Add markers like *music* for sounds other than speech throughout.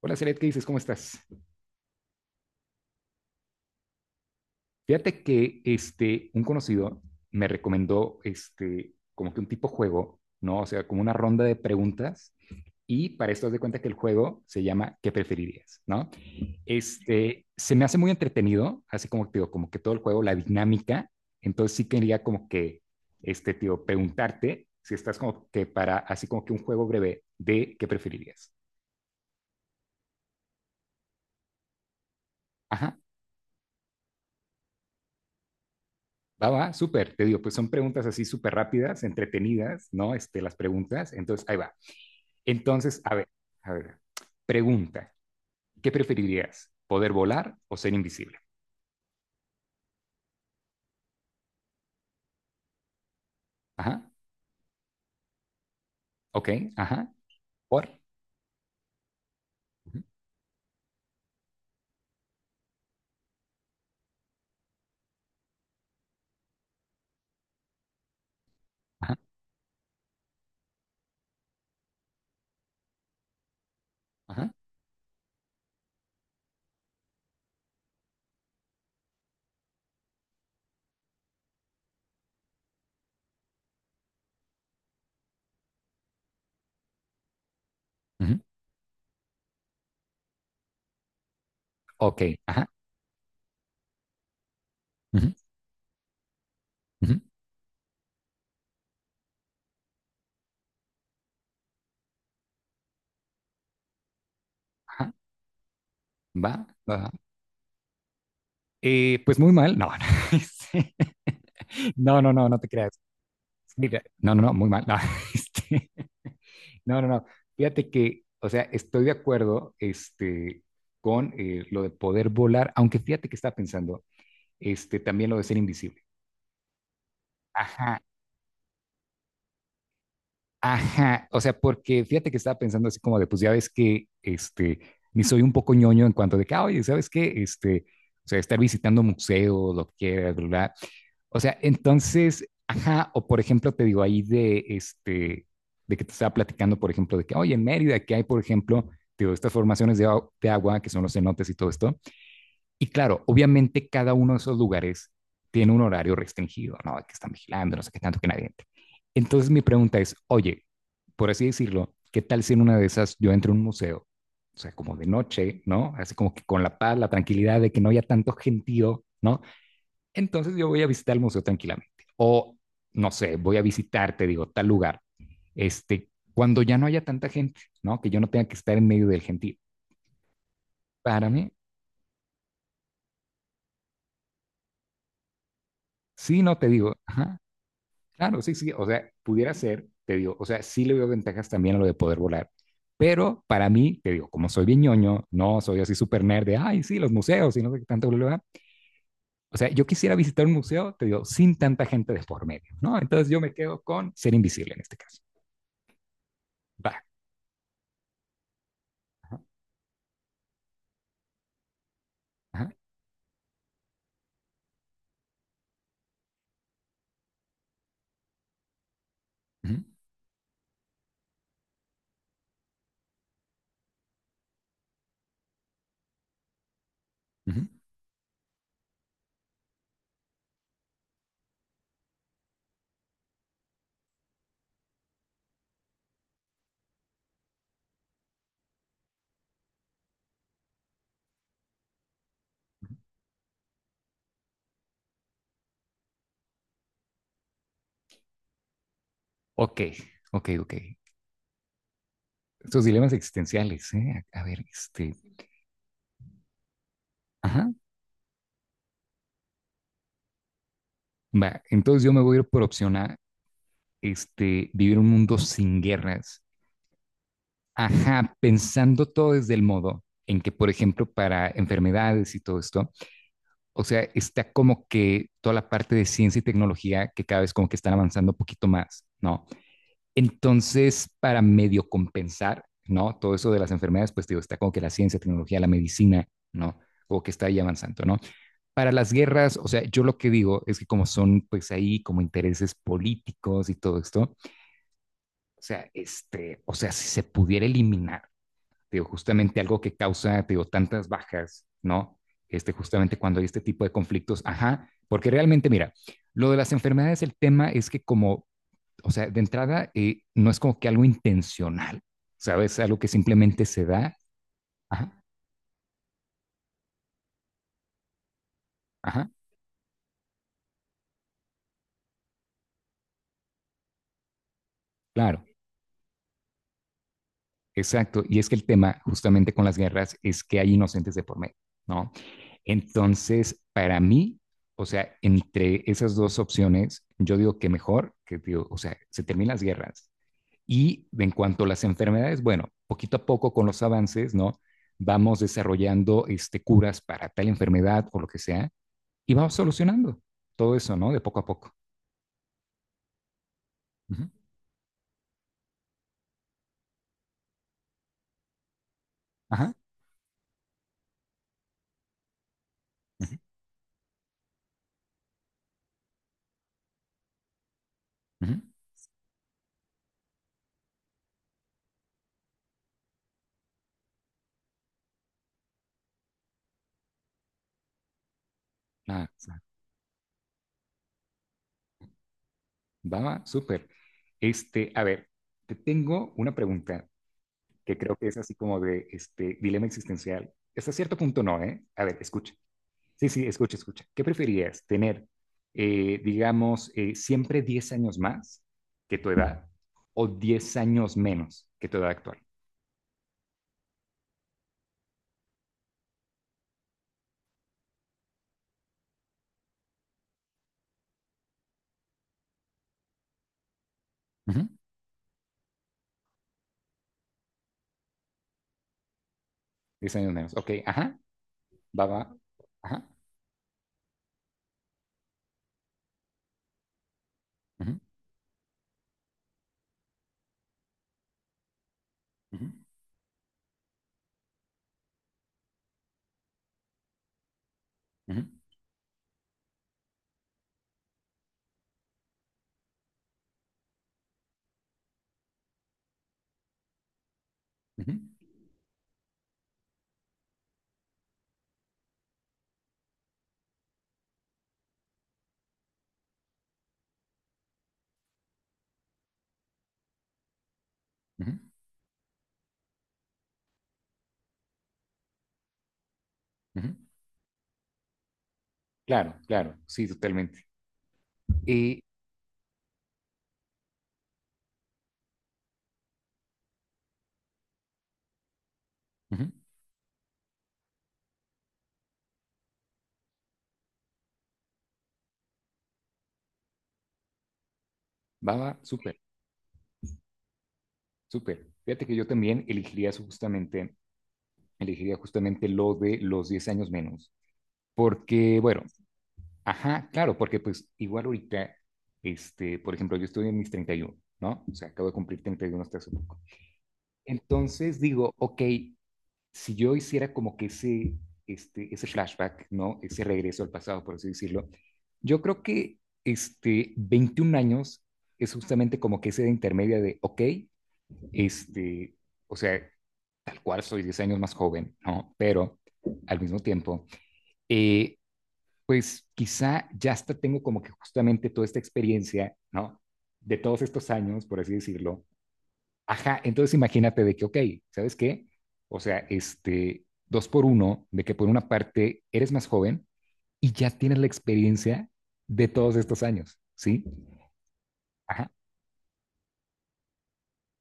Hola, Celet, ¿qué dices? ¿Cómo estás? Fíjate que un conocido me recomendó como que un tipo juego, ¿no? O sea, como una ronda de preguntas. Y para esto, haz de cuenta que el juego se llama ¿Qué preferirías? ¿No? Se me hace muy entretenido, así como te digo, como que todo el juego, la dinámica. Entonces sí quería como que, tío, preguntarte si estás como que para, así como que un juego breve de ¿Qué preferirías? Ajá. Va, va, súper, te digo, pues son preguntas así súper rápidas, entretenidas, ¿no? Las preguntas. Entonces, ahí va. Entonces, a ver, a ver. Pregunta, ¿qué preferirías? ¿Poder volar o ser invisible? Ajá, ok, ajá, por, ujú, ajá, ajá, ujú, ok, ajá, ujú, ujú, ajá, va, va. Va. Pues muy mal, no, *laughs* no, este, no, no, no, no te creas. Mira, no, no, no, muy mal, no, *laughs* este, No, no, no. Fíjate que, o sea, estoy de acuerdo con lo de poder volar, aunque fíjate que estaba pensando también lo de ser invisible. Ajá, ajá, o sea, porque fíjate que estaba pensando así como de, pues ya ves que, ni soy un poco ñoño en cuanto de que, "Ah, oye, ¿sabes qué? O sea, estar visitando museos, lo que quieras, ¿verdad? O sea, entonces, ajá, o por ejemplo, te digo ahí de, de que te estaba platicando, por ejemplo, de que, oye, en Mérida, que hay, por ejemplo, te digo, estas formaciones de, de agua, que son los cenotes y todo esto, y claro, obviamente cada uno de esos lugares tiene un horario restringido, ¿no? Que están vigilando, no sé qué tanto que nadie entre. Entonces mi pregunta es, oye, por así decirlo, ¿qué tal si en una de esas yo entro a un museo? O sea, como de noche, ¿no? Así como que con la paz, la tranquilidad de que no haya tanto gentío, ¿no? Entonces yo voy a visitar el museo tranquilamente. O, no sé, voy a visitar, te digo, tal lugar, cuando ya no haya tanta gente, ¿no? Que yo no tenga que estar en medio del gentío. Para mí, sí, no te digo, ajá, claro, sí, sí, o sea, pudiera ser, te digo, o sea, sí le veo ventajas también a lo de poder volar, pero para mí, te digo, como soy bien ñoño, no soy así súper nerd de, ay, sí, los museos y no sé qué tanto, bla, bla, bla. O sea, yo quisiera visitar un museo, te digo, sin tanta gente de por medio, ¿no? Entonces yo me quedo con ser invisible en este caso. Va. Ajá, ajá, ujú, ujú. Ok, ok, ok. Estos dilemas existenciales, ¿eh? A ver, ajá. Va, entonces yo me voy a ir por opción A, vivir un mundo sin guerras. Ajá, pensando todo desde el modo en que, por ejemplo, para enfermedades y todo esto, o sea, está como que toda la parte de ciencia y tecnología que cada vez como que están avanzando un poquito más, ¿no? Entonces, para medio compensar, ¿no? Todo eso de las enfermedades, pues digo, está como que la ciencia, tecnología, la medicina, ¿no? O que está ahí avanzando, ¿no? Para las guerras, o sea, yo lo que digo es que como son pues ahí como intereses políticos y todo esto, o sea, o sea, si se pudiera eliminar, digo, justamente algo que causa, digo, tantas bajas, ¿no? Justamente cuando hay este tipo de conflictos, ajá, porque realmente, mira, lo de las enfermedades, el tema es que como, o sea, de entrada, no es como que algo intencional, ¿sabes? Algo que simplemente se da, ajá, ajá, claro, exacto. Y es que el tema justamente con las guerras es que hay inocentes de por medio, ¿no? Entonces, para mí, o sea, entre esas dos opciones, yo digo que mejor que, digo, o sea, se terminan las guerras, y en cuanto a las enfermedades, bueno, poquito a poco con los avances, ¿no? Vamos desarrollando curas para tal enfermedad o lo que sea y vamos solucionando todo eso, ¿no? De poco a poco. Ujú, ajá. Ujú, ujú. Ah, va, va, súper. A ver, te tengo una pregunta que creo que es así como de este dilema existencial. Hasta cierto punto no, ¿eh? A ver, escucha. Sí, sí, escucha, escucha. ¿Qué preferirías? ¿Tener, digamos, siempre 10 años más que tu edad o 10 años menos que tu edad actual? Ujú, 10 años menos. Ok, ajá, va, va. Ajá, ujú, ujú, ujú, ujú, ujú, ujú, claro, claro, sí, totalmente. Y ujú. Va, va, súper, súper. Fíjate que yo también elegiría eso justamente, elegiría justamente lo de los 10 años menos, porque, bueno, ajá, claro, porque pues igual ahorita, por ejemplo, yo estoy en mis 31, ¿no? O sea, acabo de cumplir 31, hasta hace poco. Entonces digo, ok, si yo hiciera como que ese, ese flashback, ¿no? Ese regreso al pasado, por así decirlo, yo creo que 21 años es justamente como que ese de intermedia de, ok, este, o sea, tal cual soy 10 años más joven, ¿no? Pero al mismo tiempo, eh, pues quizá ya hasta tengo como que justamente toda esta experiencia, ¿no? De todos estos años, por así decirlo. Ajá, entonces imagínate de que, ok, ¿sabes qué? O sea, dos por uno, de que por una parte eres más joven y ya tienes la experiencia de todos estos años, ¿sí? Ajá,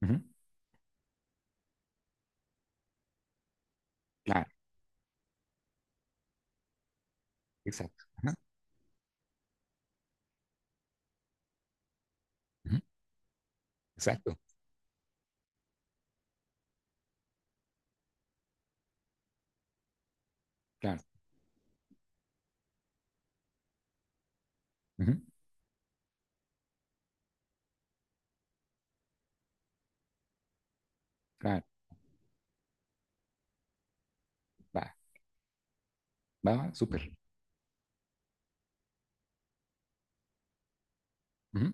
ujú, claro, exacto, ajá, ujú, exacto, claro, ujú, claro, va, va, va, súper, ujú,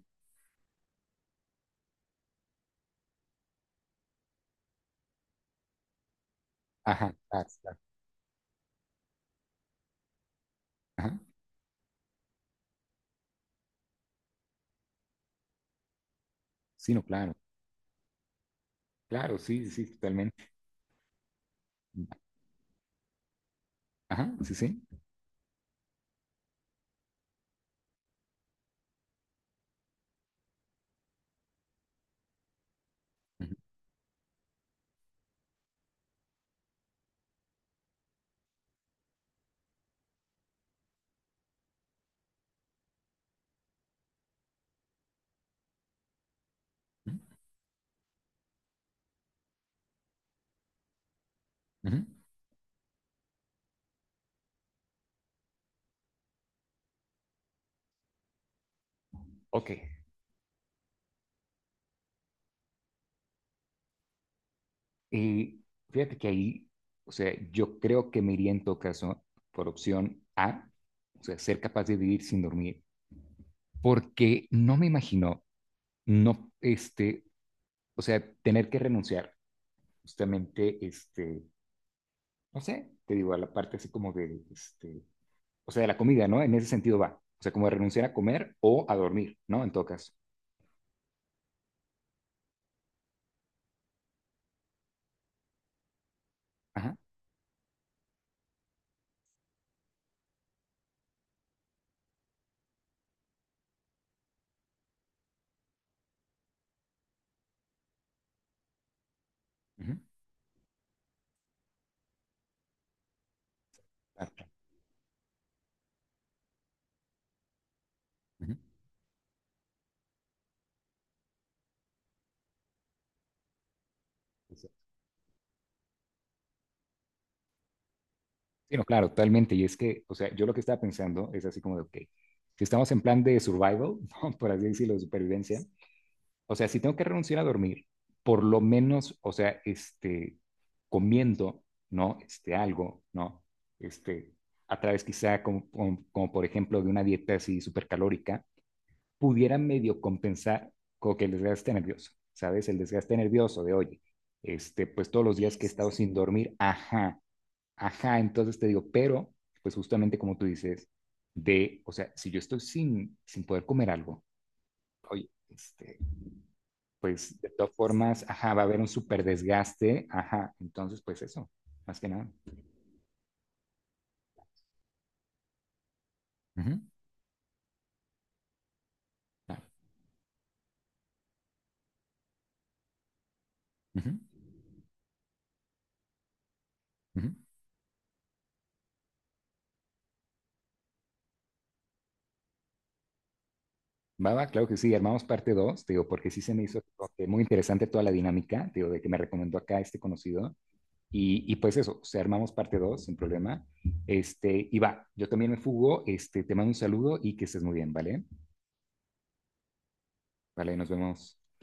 ajá, claro, claro, ajá, sí, no, claro, claro, sí, sí, totalmente, ajá, sí, sí. Ujú, ujú. Ujú. Ok, y fíjate que ahí, o sea, yo creo que me iría en todo caso por opción A, o sea, ser capaz de vivir sin dormir, porque no me imagino, no, o sea, tener que renunciar justamente, no sé, te digo, a la parte así como de, o sea, de la comida, ¿no? En ese sentido va, o sea, como de renunciar a comer o a dormir, ¿no? En todo caso. Ajá. Ujú, claro, claro. Ujú. Sí, no, claro, totalmente. Y es que, o sea, yo lo que estaba pensando es así como de, ok, si estamos en plan de survival, *laughs* ¿no? Por así decirlo, de supervivencia, o sea, si tengo que renunciar a dormir, por lo menos, o sea, comiendo, ¿no? Algo, ¿no? Este, a través quizá como por ejemplo de una dieta así supercalórica, pudiera medio compensar como que el desgaste nervioso, ¿sabes? El desgaste nervioso de, oye, pues todos los días que he estado sin dormir, ajá, ajá, entonces te digo, pero, pues justamente como tú dices, de, o sea, si yo estoy sin poder comer algo, oye, pues de todas formas, ajá, va a haber un súper desgaste, ajá, entonces pues eso, más que nada. Ujú, ah, ujú, ujú. Va, va, claro que sí, armamos parte dos, te digo, porque sí se me hizo como que muy interesante toda la dinámica, te digo, de que me recomendó acá este conocido, y pues eso, o sea, armamos parte 2, sin problema, y va, yo también me fugo, te mando un saludo y que estés muy bien, ¿vale? Vale, nos vemos.